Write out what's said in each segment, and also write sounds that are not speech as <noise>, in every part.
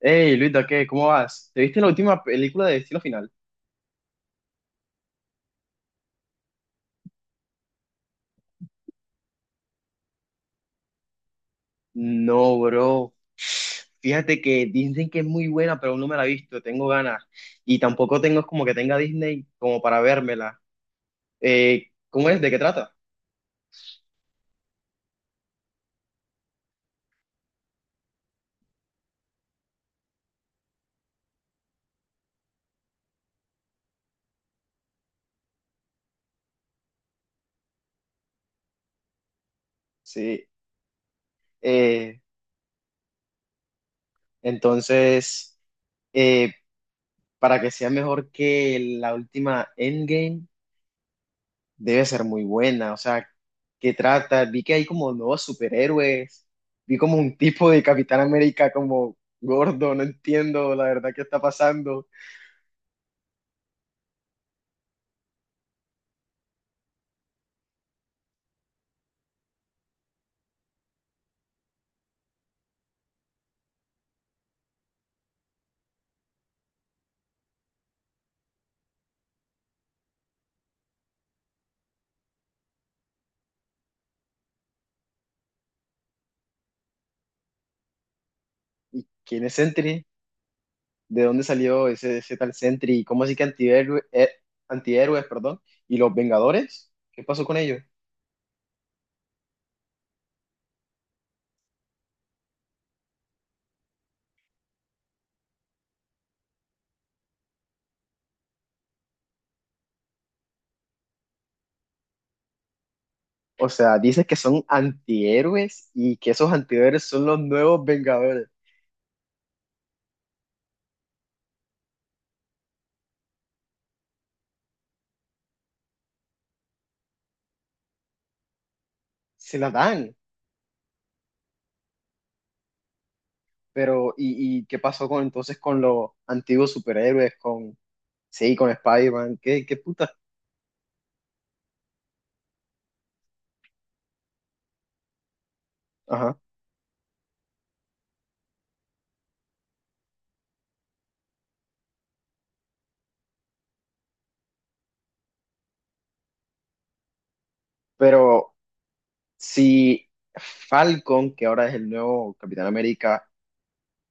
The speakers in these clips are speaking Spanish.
Hey, Luita, ¿qué? ¿Cómo vas? ¿Te viste la última película de Destino Final? No, bro. Fíjate que dicen que es muy buena, pero aún no me la he visto. Tengo ganas. Y tampoco tengo como que tenga Disney como para vérmela. ¿Cómo es? ¿De qué trata? Sí. Eh, entonces, eh, para que sea mejor que la última Endgame, debe ser muy buena. O sea, ¿qué trata? Vi que hay como nuevos superhéroes. Vi como un tipo de Capitán América como gordo, no entiendo la verdad qué está pasando. ¿Y quién es Sentry? ¿De dónde salió ese tal Sentry? ¿Y cómo así que antihéroes, perdón? ¿Y los Vengadores? ¿Qué pasó con ellos? O sea, dices que son antihéroes y que esos antihéroes son los nuevos Vengadores. Se la dan, pero y qué pasó con entonces con los antiguos superhéroes, con... sí, con Spider-Man, qué, qué puta. Ajá. Pero si Falcon, que ahora es el nuevo Capitán América,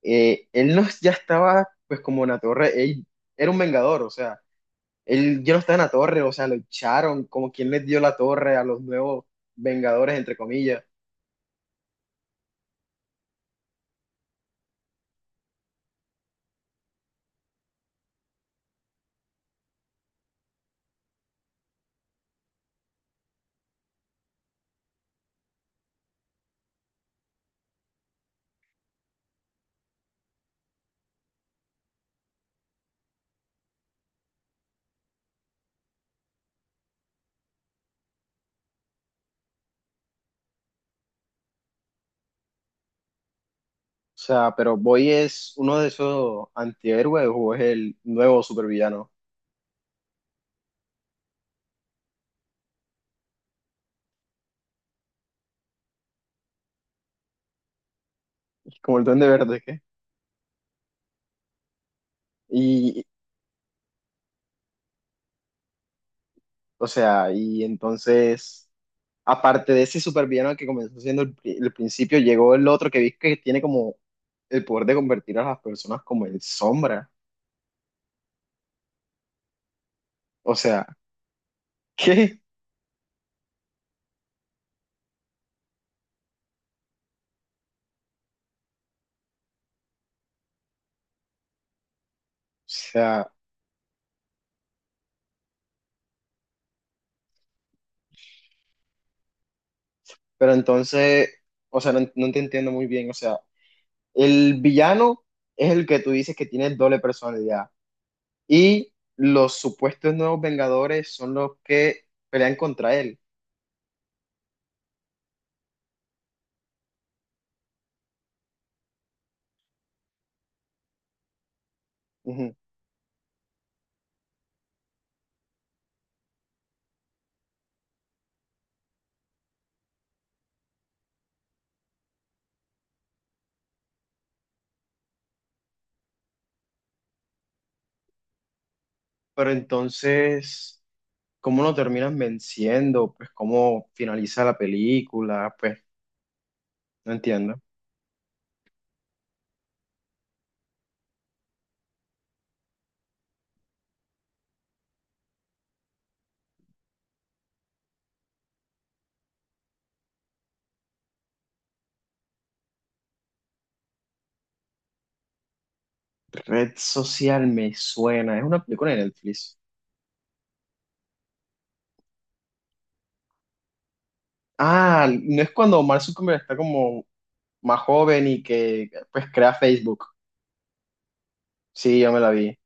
él no ya estaba pues como en la torre, él era un vengador, o sea, él ya no estaba en la torre, o sea, lo echaron, como quien les dio la torre a los nuevos vengadores, entre comillas. O sea, pero Boy es uno de esos antihéroes o es el nuevo supervillano, como el Duende Verde, ¿qué? Y, o sea, y entonces, aparte de ese supervillano que comenzó siendo el principio, llegó el otro que vi que tiene como el poder de convertir a las personas como en sombra. O sea, <laughs> ¿qué? O sea, pero entonces, o sea, no, no te entiendo muy bien. O sea, el villano es el que tú dices que tiene doble personalidad y los supuestos nuevos Vengadores son los que pelean contra él. Ujú. Pero entonces... ¿Cómo lo terminan venciendo? Pues cómo finaliza la película, pues... no entiendo. Red social me suena. Es una película de Netflix. Ah, no, es cuando Mark Zuckerberg está como más joven y que pues crea Facebook. Sí, yo me la vi.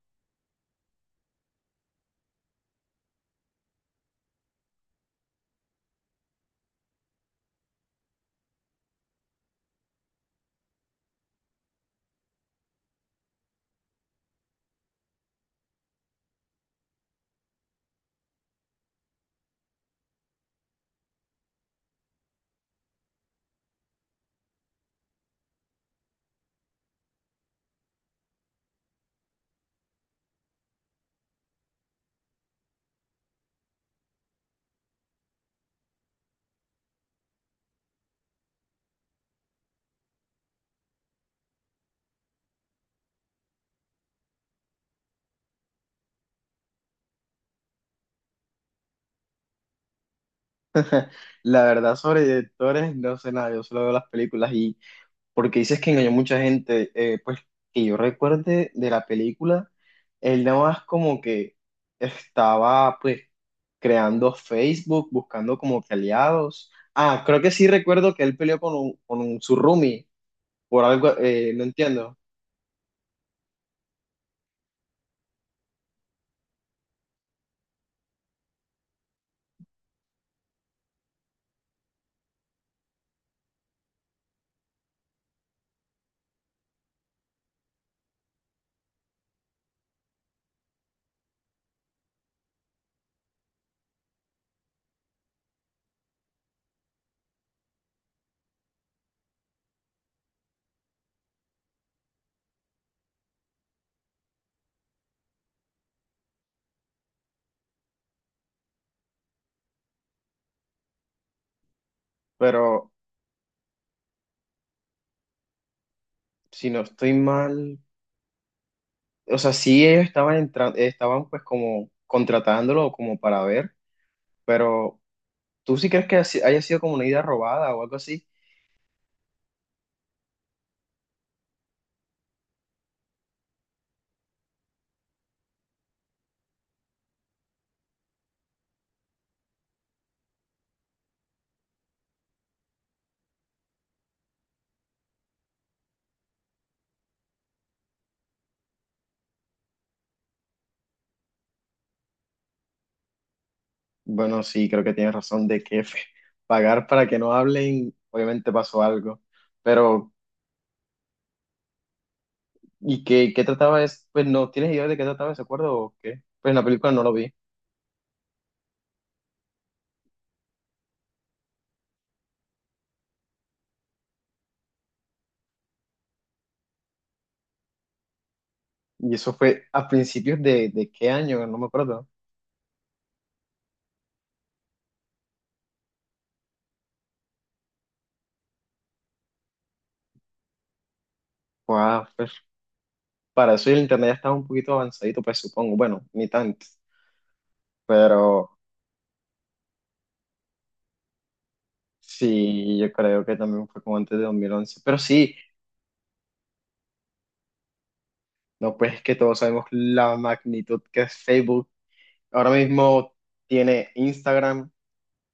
La verdad sobre directores no sé nada, yo solo veo las películas. Y porque dices que engañó mucha gente, pues que yo recuerde de la película, él nada más como que estaba pues creando Facebook, buscando como que aliados. Ah, creo que sí recuerdo que él peleó con, con un, su roomie por algo, no entiendo, pero si no estoy mal, o sea, sí, ellos estaban entrando, estaban pues como contratándolo como para ver, pero ¿tú sí crees que haya sido como una idea robada o algo así? Bueno, sí, creo que tienes razón de que <laughs> pagar para que no hablen, obviamente pasó algo, pero ¿y qué, qué trataba es? Pues no, ¿tienes idea de qué trataba ese acuerdo o qué? Pues en la película no lo vi. Y eso fue a principios de qué año, no me acuerdo. Wow, para eso el internet ya estaba un poquito avanzadito, pues supongo. Bueno, ni tanto. Pero sí, yo creo que también fue como antes de 2011. Pero sí, no, pues es que todos sabemos la magnitud que es Facebook. Ahora mismo tiene Instagram,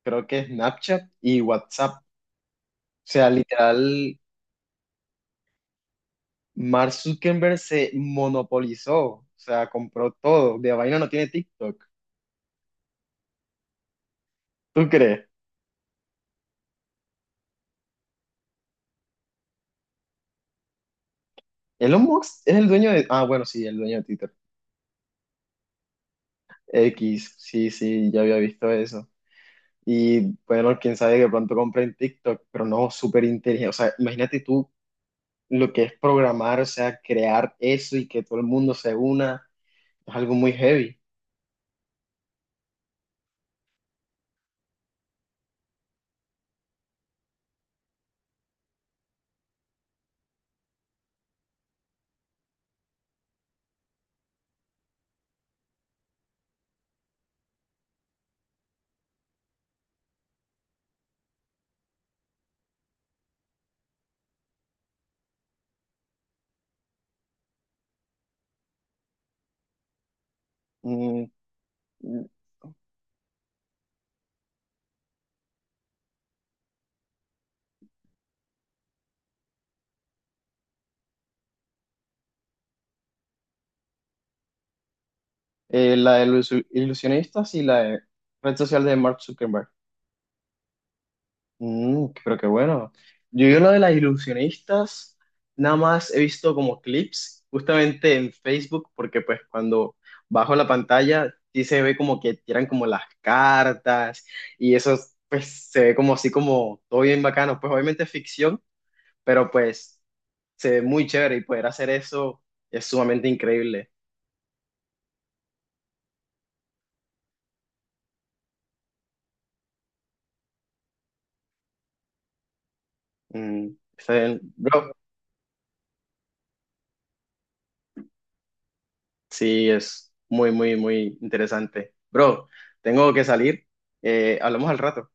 creo que Snapchat y WhatsApp. O sea, literal, Mark Zuckerberg se monopolizó. O sea, compró todo. De vaina no tiene TikTok. ¿Tú crees? Elon Musk es el dueño de... Ah, bueno, sí, el dueño de Twitter. X, sí, sí, ya había visto eso. Y bueno, quién sabe, que pronto compre en TikTok, pero no, súper inteligente. O sea, imagínate tú lo que es programar, o sea, crear eso y que todo el mundo se una, es algo muy heavy. Mm, la de los ilusionistas y la de red social de Mark Zuckerberg. Mm, pero qué bueno. Yo lo de las ilusionistas, nada más he visto como clips justamente en Facebook, porque pues cuando bajo la pantalla sí se ve como que tiran como las cartas y eso, pues se ve como así como todo bien bacano. Pues obviamente es ficción, pero pues se ve muy chévere y poder hacer eso es sumamente increíble. Mm, está bien. Bro, sí, es muy, muy, muy interesante. Bro, tengo que salir. Hablamos al rato.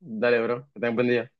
Dale, bro, que tengas buen día.